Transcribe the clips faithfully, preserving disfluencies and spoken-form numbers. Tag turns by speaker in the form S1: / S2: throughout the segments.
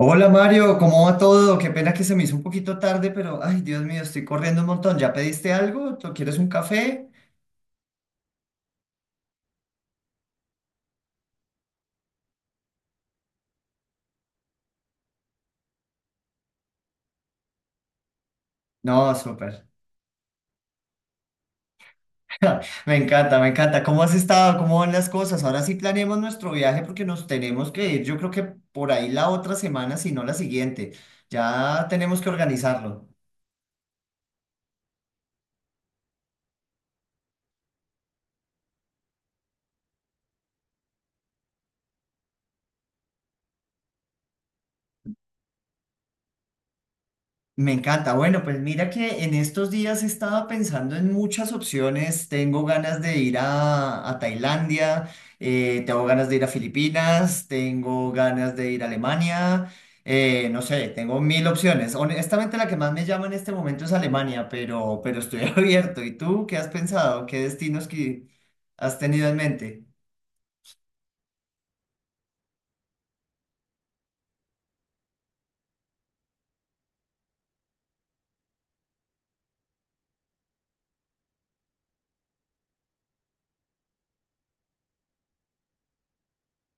S1: Hola Mario, ¿cómo va todo? Qué pena que se me hizo un poquito tarde, pero ay, Dios mío, estoy corriendo un montón. ¿Ya pediste algo? ¿Tú quieres un café? No, súper. Me encanta, me encanta. ¿Cómo has estado? ¿Cómo van las cosas? Ahora sí planeemos nuestro viaje porque nos tenemos que ir. Yo creo que por ahí la otra semana, si no la siguiente. Ya tenemos que organizarlo. Me encanta. Bueno, pues mira que en estos días estaba pensando en muchas opciones. Tengo ganas de ir a, a Tailandia, eh, tengo ganas de ir a Filipinas, tengo ganas de ir a Alemania, eh, no sé, tengo mil opciones. Honestamente, la que más me llama en este momento es Alemania, pero, pero estoy abierto. ¿Y tú qué has pensado? ¿Qué destinos que has tenido en mente?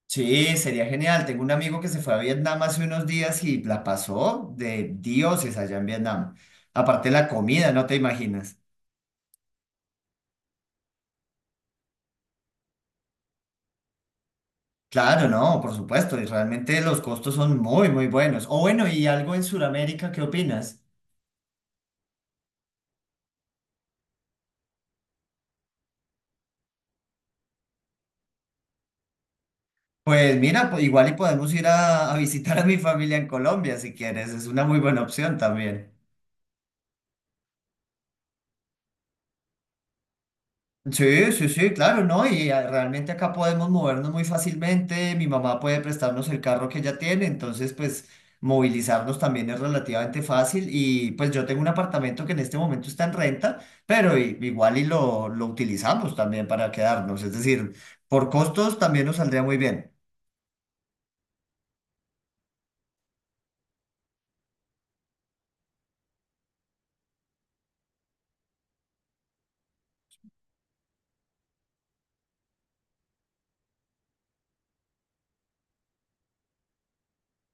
S1: Sí, sería genial. Tengo un amigo que se fue a Vietnam hace unos días y la pasó de dioses allá en Vietnam. Aparte la comida, no te imaginas. Claro, no, por supuesto. Y realmente los costos son muy, muy buenos. O bueno, y algo en Sudamérica, ¿qué opinas? Pues mira, po- igual y podemos ir a, a visitar a mi familia en Colombia si quieres. Es una muy buena opción también. Sí, sí, sí, claro, ¿no? Y ah, realmente acá podemos movernos muy fácilmente. Mi mamá puede prestarnos el carro que ella tiene, entonces pues movilizarnos también es relativamente fácil. Y pues yo tengo un apartamento que en este momento está en renta, pero i- igual y lo, lo utilizamos también para quedarnos. Es decir, por costos también nos saldría muy bien.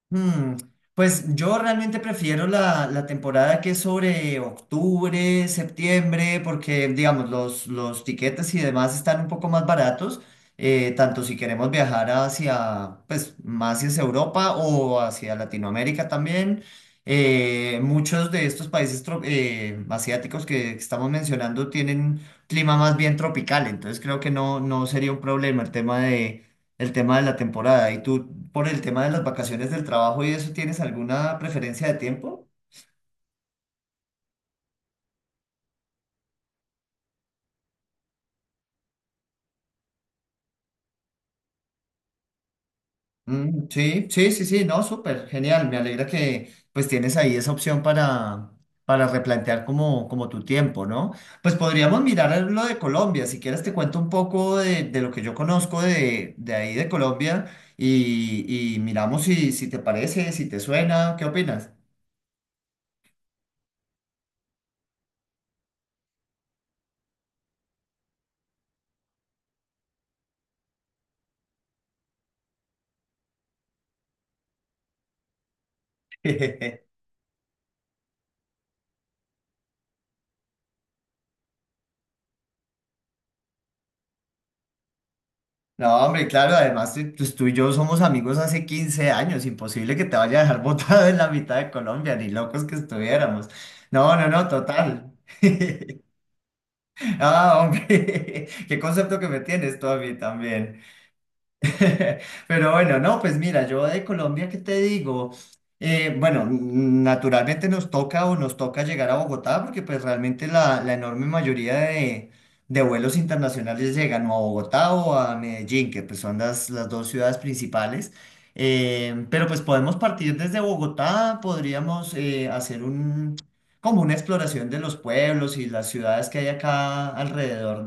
S1: Hmm. Pues yo realmente prefiero la, la temporada que es sobre octubre, septiembre, porque digamos los, los tiquetes y demás están un poco más baratos, eh, tanto si queremos viajar hacia, pues más hacia Europa o hacia Latinoamérica también. Eh, muchos de estos países tro- eh, asiáticos que estamos mencionando tienen clima más bien tropical, entonces creo que no, no sería un problema el tema el tema de la temporada. ¿Y tú, por el tema de las vacaciones del trabajo y eso, tienes alguna preferencia de tiempo? Mm, sí, sí, sí, sí, no, súper, genial. Me alegra que pues tienes ahí esa opción para, para replantear como, como tu tiempo, ¿no? Pues podríamos mirar lo de Colombia. Si quieres te cuento un poco de, de lo que yo conozco de, de ahí de Colombia y, y miramos si, si te parece, si te suena, ¿qué opinas? No, hombre, claro, además eh, pues, tú y yo somos amigos hace quince años, imposible que te vaya a dejar botado en la mitad de Colombia, ni locos que estuviéramos. No, no, no, total. Ah, hombre, qué concepto que me tienes tú a mí también. Pero bueno, no, pues mira, yo de Colombia, ¿qué te digo? Eh, bueno, n- naturalmente nos toca o nos toca llegar a Bogotá porque pues realmente la, la enorme mayoría de, de vuelos internacionales llegan o a Bogotá o a Medellín, que pues son las, las dos ciudades principales. Eh, pero pues podemos partir desde Bogotá, podríamos eh, hacer un, como una exploración de los pueblos y las ciudades que hay acá alrededor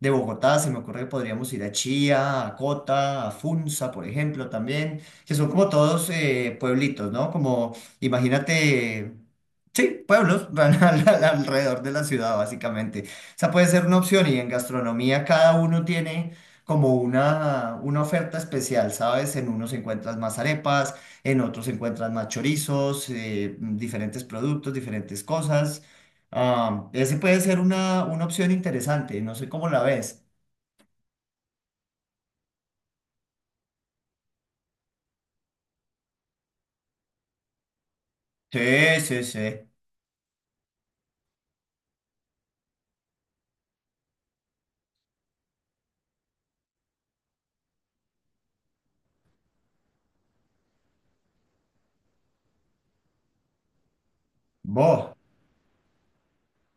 S1: de Bogotá. Se me ocurre que podríamos ir a Chía, a Cota, a Funza, por ejemplo, también, que son como todos eh, pueblitos, ¿no? Como, imagínate, sí, pueblos van al- al- alrededor de la ciudad, básicamente. Esa puede ser una opción y en gastronomía cada uno tiene como una, una oferta especial, ¿sabes? En unos encuentras más arepas, en otros encuentras más chorizos, eh, diferentes productos, diferentes cosas. Ah, ese puede ser una, una opción interesante, no sé cómo la ves. Sí, sí, sí. Vos.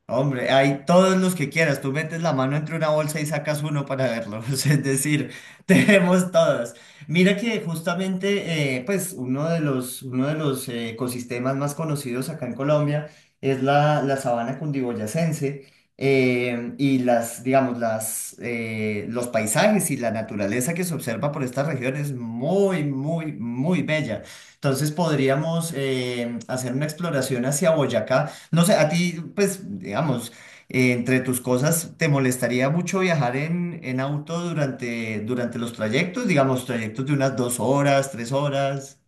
S1: Hombre, hay todos los que quieras. Tú metes la mano entre una bolsa y sacas uno para verlos. Es decir, tenemos todos. Mira que justamente, eh, pues uno de los, uno de los eh, ecosistemas más conocidos acá en Colombia es la, la sabana cundiboyacense, eh, y las, digamos, las, eh, los paisajes y la naturaleza que se observa por esta región es muy, muy, muy bella. Entonces podríamos eh, hacer una exploración hacia Boyacá. No sé, a ti, pues, digamos, eh, entre tus cosas, ¿te molestaría mucho viajar en, en auto durante, durante los trayectos? Digamos, trayectos de unas dos horas, tres horas.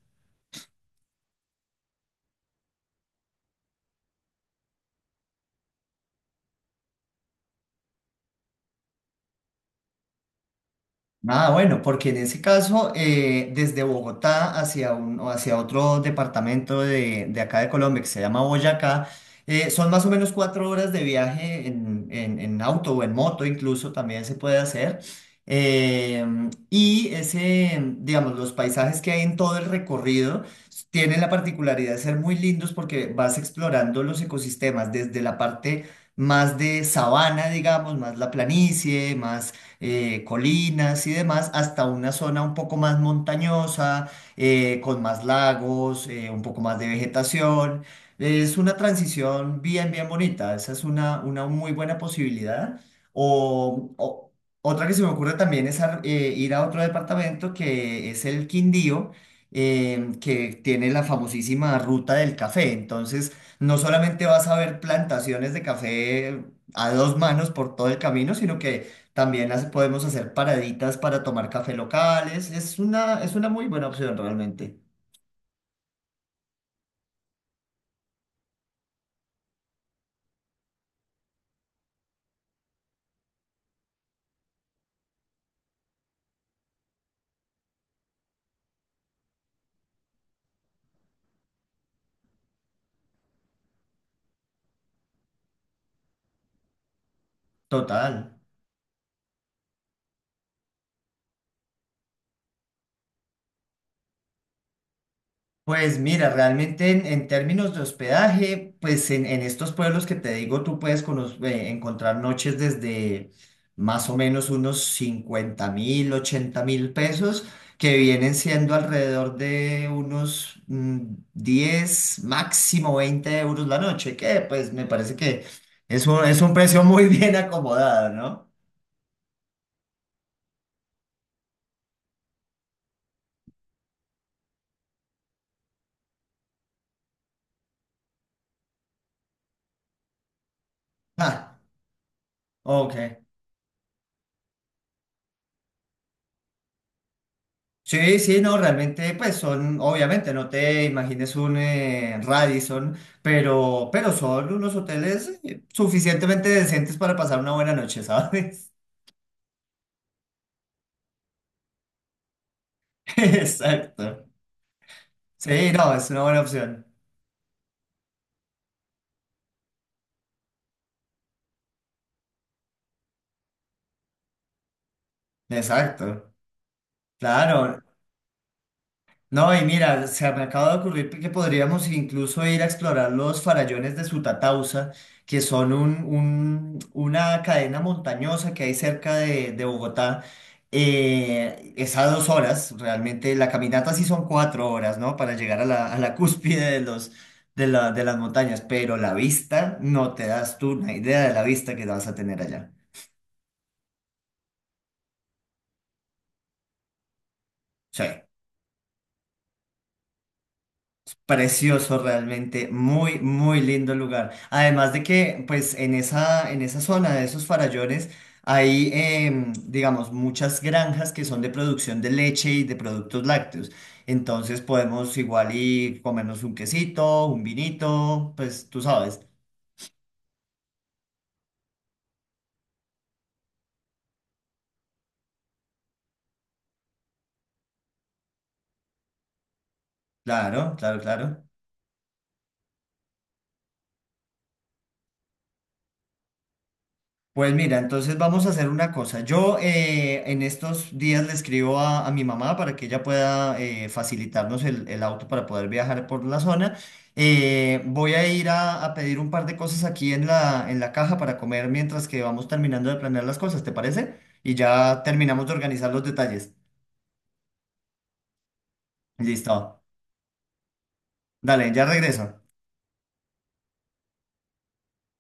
S1: Ah, bueno, porque en ese caso, eh, desde Bogotá hacia un, o hacia otro departamento de, de acá de Colombia que se llama Boyacá, eh, son más o menos cuatro horas de viaje en, en- en auto o en moto, incluso también se puede hacer. Em, y ese, digamos, los paisajes que hay en todo el recorrido tienen la particularidad de ser muy lindos porque vas explorando los ecosistemas desde la parte más de sabana, digamos, más la planicie, más eh, colinas y demás, hasta una zona un poco más montañosa, eh, con más lagos, eh, un poco más de vegetación. Es una transición bien, bien bonita. Esa es una, una muy buena posibilidad. O, o- otra que se me ocurre también es ar- eh, ir a otro departamento que es el Quindío, eh, que tiene la famosísima ruta del café. Entonces, no solamente vas a ver plantaciones de café a dos manos por todo el camino, sino que también las podemos hacer paraditas para tomar café locales. Es una, es una muy buena opción realmente. Total. Pues mira, realmente en, en términos de hospedaje, pues en, en estos pueblos que te digo, tú puedes cono- eh, encontrar noches desde más o menos unos cincuenta mil, ochenta mil pesos, que vienen siendo alrededor de unos mm, diez, máximo veinte euros la noche, que pues me parece que es un, es un precio muy bien acomodado, ¿no? Ah, ok. Sí, sí, no, realmente, pues son, obviamente, no te imagines un eh, Radisson, pero, pero son unos hoteles eh, suficientemente decentes para pasar una buena noche, ¿sabes? Exacto. Sí, no, es una buena opción. Exacto. Claro. No, y mira, se me acaba de ocurrir que podríamos incluso ir a explorar los farallones de Sutatausa, que son un, un- una cadena montañosa que hay cerca de, de Bogotá. Eh, es a dos horas, realmente la caminata sí son cuatro horas, ¿no? Para llegar a la, a la cúspide de los, de la- de las montañas, pero la vista, no te das tú una idea de la vista que vas a tener allá. Sí. Precioso realmente, muy, muy lindo lugar. Además de que, pues, en esa, en esa zona de esos farallones hay, em, digamos, muchas granjas que son de producción de leche y de productos lácteos. Entonces podemos igual y comernos un quesito, un vinito, pues, tú sabes. Claro, claro, claro. Pues mira, entonces vamos a hacer una cosa. Yo eh, en estos días le escribo a, a mi mamá para que ella pueda eh, facilitarnos el, el auto para poder viajar por la zona. Eh, voy a ir a, a pedir un par de cosas aquí en la, en la caja para comer mientras que vamos terminando de planear las cosas, ¿te parece? Y ya terminamos de organizar los detalles. Listo. Dale, ya regreso.